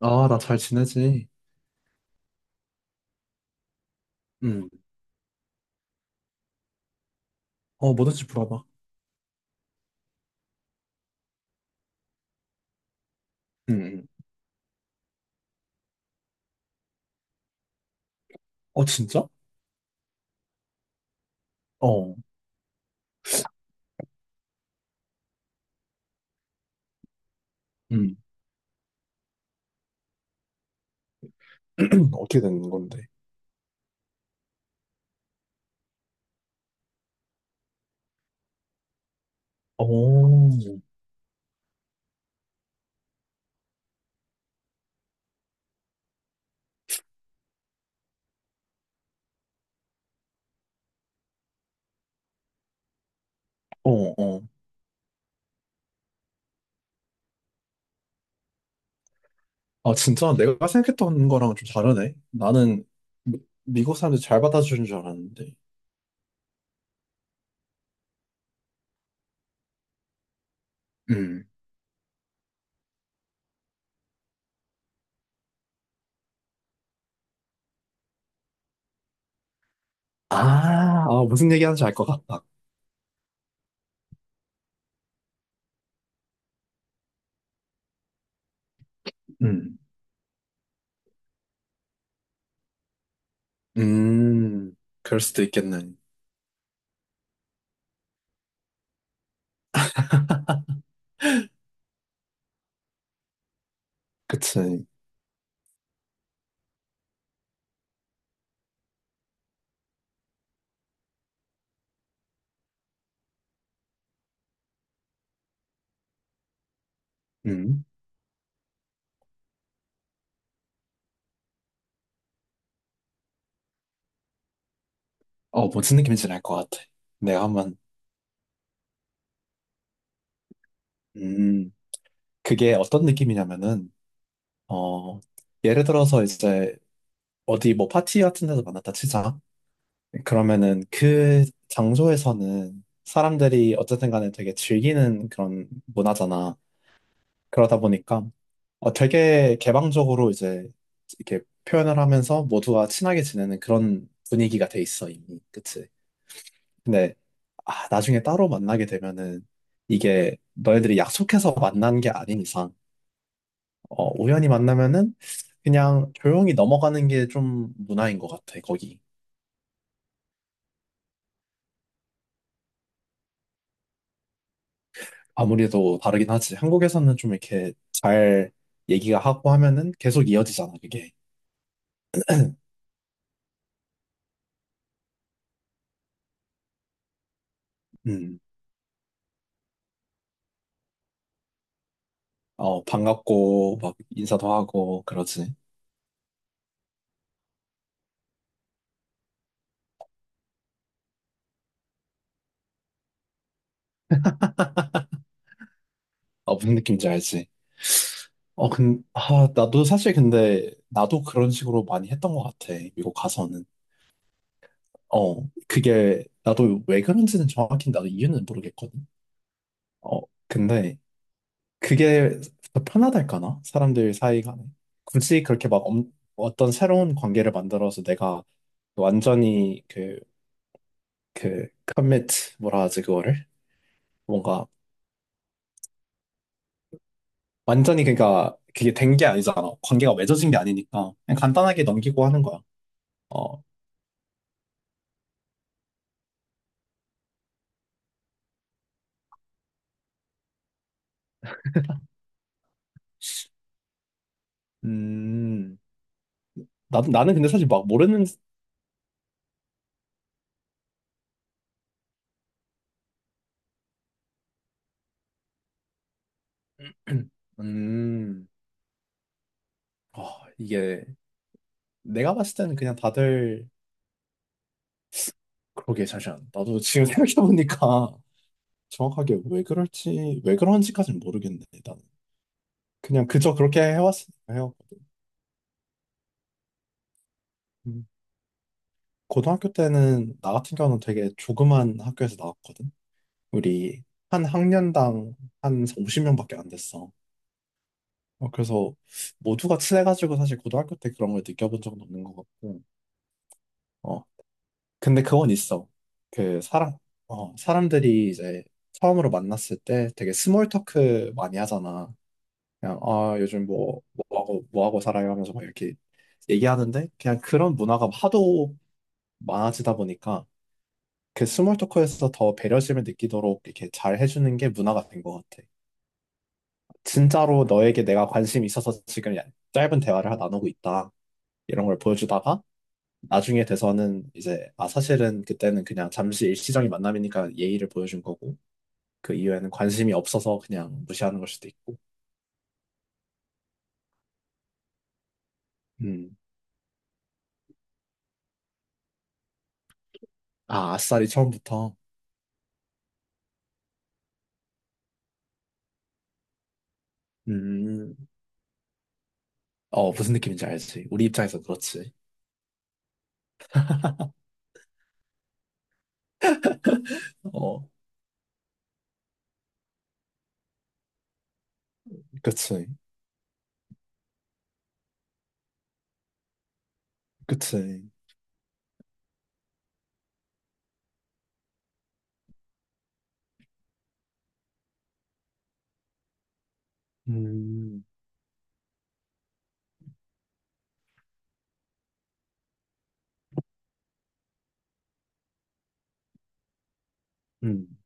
아, 나 잘 지내지. 음, 어, 뭐든지 물어봐. 응응. 어, 진짜? 어, 응. 어떻게 되는 건데? 오. 어, 어, 아, 진짜 내가 생각했던 거랑 좀 다르네. 나는 미, 미국 사람들이 잘 받아주는 줄 알았는데. 응. 아, 아, 무슨 얘기하는지 알 것 같다. 음, 음, 그럴 수도 있겠네. 그치. 음, 어, 무슨 느낌인지 알 것 같아. 내가 한번, 음, 그게 어떤 느낌이냐면은, 어, 예를 들어서 이제 어디 뭐 파티 같은 데서 만났다 치자. 그러면은 그 장소에서는 사람들이 어쨌든 간에 되게 즐기는 그런 문화잖아. 그러다 보니까 어, 되게 개방적으로 이제 이렇게 표현을 하면서 모두가 친하게 지내는 그런 분위기가 돼 있어, 이미. 그치? 근데 아, 나중에 따로 만나게 되면은 이게 너희들이 약속해서 만난 게 아닌 이상 어, 우연히 만나면은 그냥 조용히 넘어가는 게 좀 문화인 것 같아, 거기. 아무래도 다르긴 하지. 한국에서는 좀 이렇게 잘 얘기가 하고 하면은 계속 이어지잖아, 그게. 음. 어, 반갑고, 막 인사도 하고, 그러지. 어, 무슨 느낌인지 알지? 어, 아, 나도 사실 근데, 나도 그런 식으로 많이 했던 것 같아, 미국 가서는. 어, 그게, 나도 왜 그런지는 정확히 나도 이유는 모르겠거든. 어, 근데, 그게 더 편하달까나? 사람들 사이 간에. 굳이 그렇게 막 어떤 새로운 관계를 만들어서 내가 완전히 그, 그, 커밋, 뭐라 하지, 그거를? 뭔가, 완전히 그니까, 그게 된 게 아니잖아. 관계가 맺어진 게 아니니까. 그냥 간단하게 넘기고 하는 거야. 어, 음, 나는 근데 사실 막 모르는, 음, 아, 이게, 내가 봤을 때는 그냥 다들, 그러게, 잠시만. 나도 지금 생각해보니까, 정확하게 왜 그럴지, 왜 그런지까지는 모르겠네, 나는. 그냥 그저 그렇게 해왔으니까 해왔거든. 음. 고등학교 때는, 나 같은 경우는 되게 조그만 학교에서 나왔거든. 우리 한 학년당 한 50명밖에 안 됐어. 어, 그래서 모두가 친해가지고 사실 고등학교 때 그런 걸 느껴본 적은 없는 것 같고. 어, 근데 그건 있어. 그 사람, 어, 사람들이 이제 처음으로 만났을 때 되게 스몰 토크 많이 하잖아. 그냥 아 요즘 뭐 뭐하고 뭐하고 살아요 하면서 막 이렇게 얘기하는데 그냥 그런 문화가 하도 많아지다 보니까 그 스몰 토크에서 더 배려심을 느끼도록 이렇게 잘 해주는 게 문화가 된 것 같아. 진짜로 너에게 내가 관심이 있어서 지금 짧은 대화를 나누고 있다 이런 걸 보여주다가 나중에 돼서는 이제 아 사실은 그때는 그냥 잠시 일시적인 만남이니까 예의를 보여준 거고 그 이후에는 관심이 없어서 그냥 무시하는 걸 수도 있고. 음. 아 아싸리 처음부터. 음. 어, 무슨 느낌인지 알지. 우리 입장에서 그렇지. 어, 그치, 그치. 음, 음,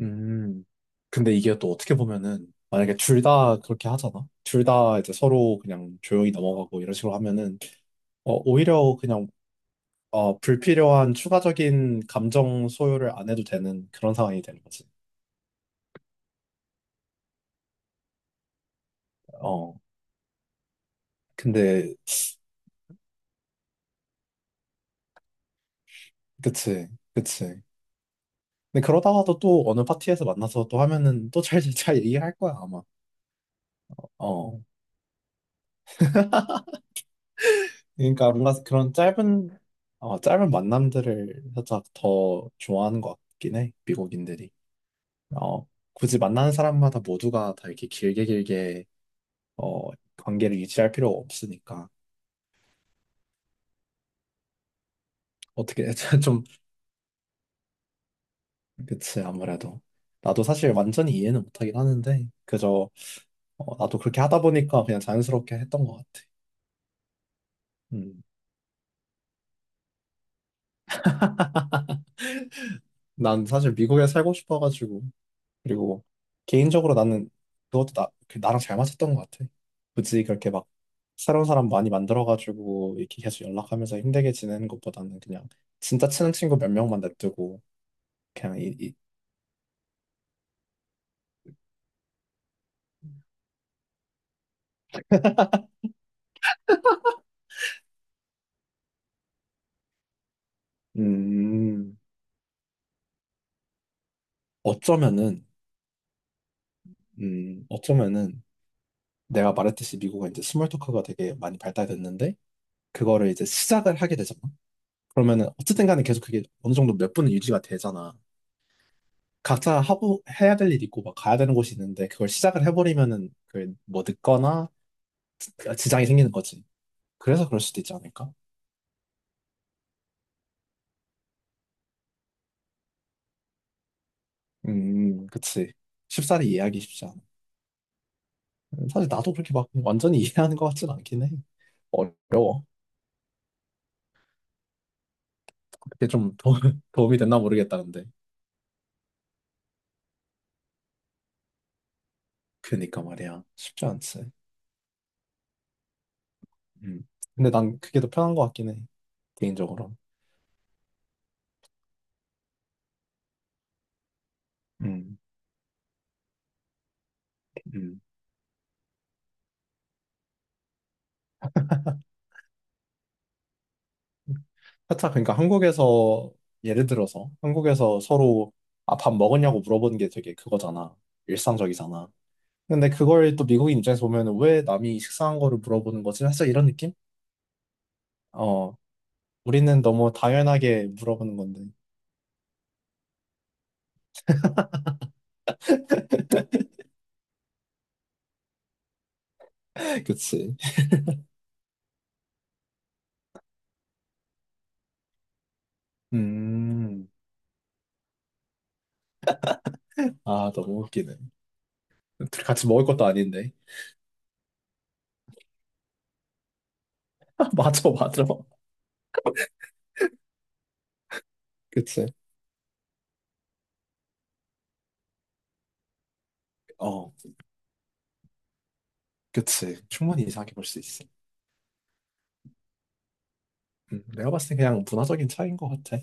음. 근데 이게 또 어떻게 보면은, 만약에 둘 다 그렇게 하잖아? 둘 다 이제 서로 그냥 조용히 넘어가고 이런 식으로 하면은, 어, 오히려 그냥, 어, 불필요한 추가적인 감정 소요를 안 해도 되는 그런 상황이 되는 거지. 어, 근데, 그치, 그치. 근데 그러다가도 또 어느 파티에서 만나서 또 하면은 또 잘 얘기할 거야, 아마. 어. 그러니까 뭔가 그런 짧은 어, 짧은 만남들을 살짝 더 좋아하는 것 같긴 해 미국인들이 어, 굳이 만나는 사람마다 모두가 다 이렇게 길게 길게 어, 관계를 유지할 필요가 없으니까 어떻게 좀 그치 아무래도 나도 사실 완전히 이해는 못하긴 하는데 그저 어, 나도 그렇게 하다 보니까 그냥 자연스럽게 했던 것 같아 음, 난 사실 미국에 살고 싶어가지고 그리고 개인적으로 나는 그것도 나, 그 나랑 잘 맞았던 것 같아. 굳이 그렇게 막 새로운 사람 많이 만들어가지고 이렇게 계속 연락하면서 힘들게 지내는 것보다는 그냥 진짜 친한 친구 몇 명만 냅두고 그냥 음, 어쩌면은, 어쩌면은 내가 말했듯이 미국은 이제 스몰 토크가 되게 많이 발달됐는데 그거를 이제 시작을 하게 되잖아. 그러면은 어쨌든 간에 계속 그게 어느 정도 몇 분은 유지가 되잖아. 각자 하고 해야 될 일이 있고 막 가야 되는 곳이 있는데 그걸 시작을 해버리면은 그뭐 늦거나 지장이 생기는 거지. 그래서 그럴 수도 있지 않을까? 그치. 쉽사리 이해하기 쉽지 않아. 사실 나도 그렇게 막 완전히 이해하는 것 같진 않긴 해. 어려워. 그게 좀 도움이 됐나 모르겠다는데. 그니까 말이야. 쉽지 않지. 음. 근데 난 그게 더 편한 것 같긴 해. 개인적으로. 음. 음. 살짝 그러니까 한국에서 예를 들어서 한국에서 서로 아, 밥 먹었냐고 물어보는 게 되게 그거잖아. 일상적이잖아. 근데 그걸 또 미국인 입장에서 보면 왜 남이 식사한 거를 물어보는 거지? 살짝 이런 느낌? 어, 우리는 너무 당연하게 물어보는 건데. 그치. 음, 아, 너무 웃기네. 둘이 같이 먹을 것도 아닌데. 맞아, 맞아. 그치. 어, 그치. 충분히 이상하게 볼 수 있어. 내가 봤을 때 그냥 문화적인 차이인 것 같아.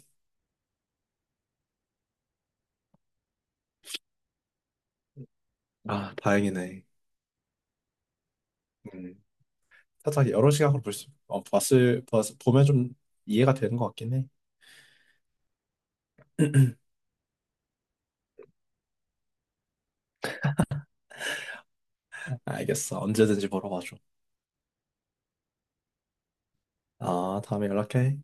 아, 다행이네. 음. 살짝 여러 시각으로 볼 수, 어, 보면 좀 이해가 되는 것 같긴 해. 알겠어. 언제든지 물어봐줘. 아, 다음에 연락해.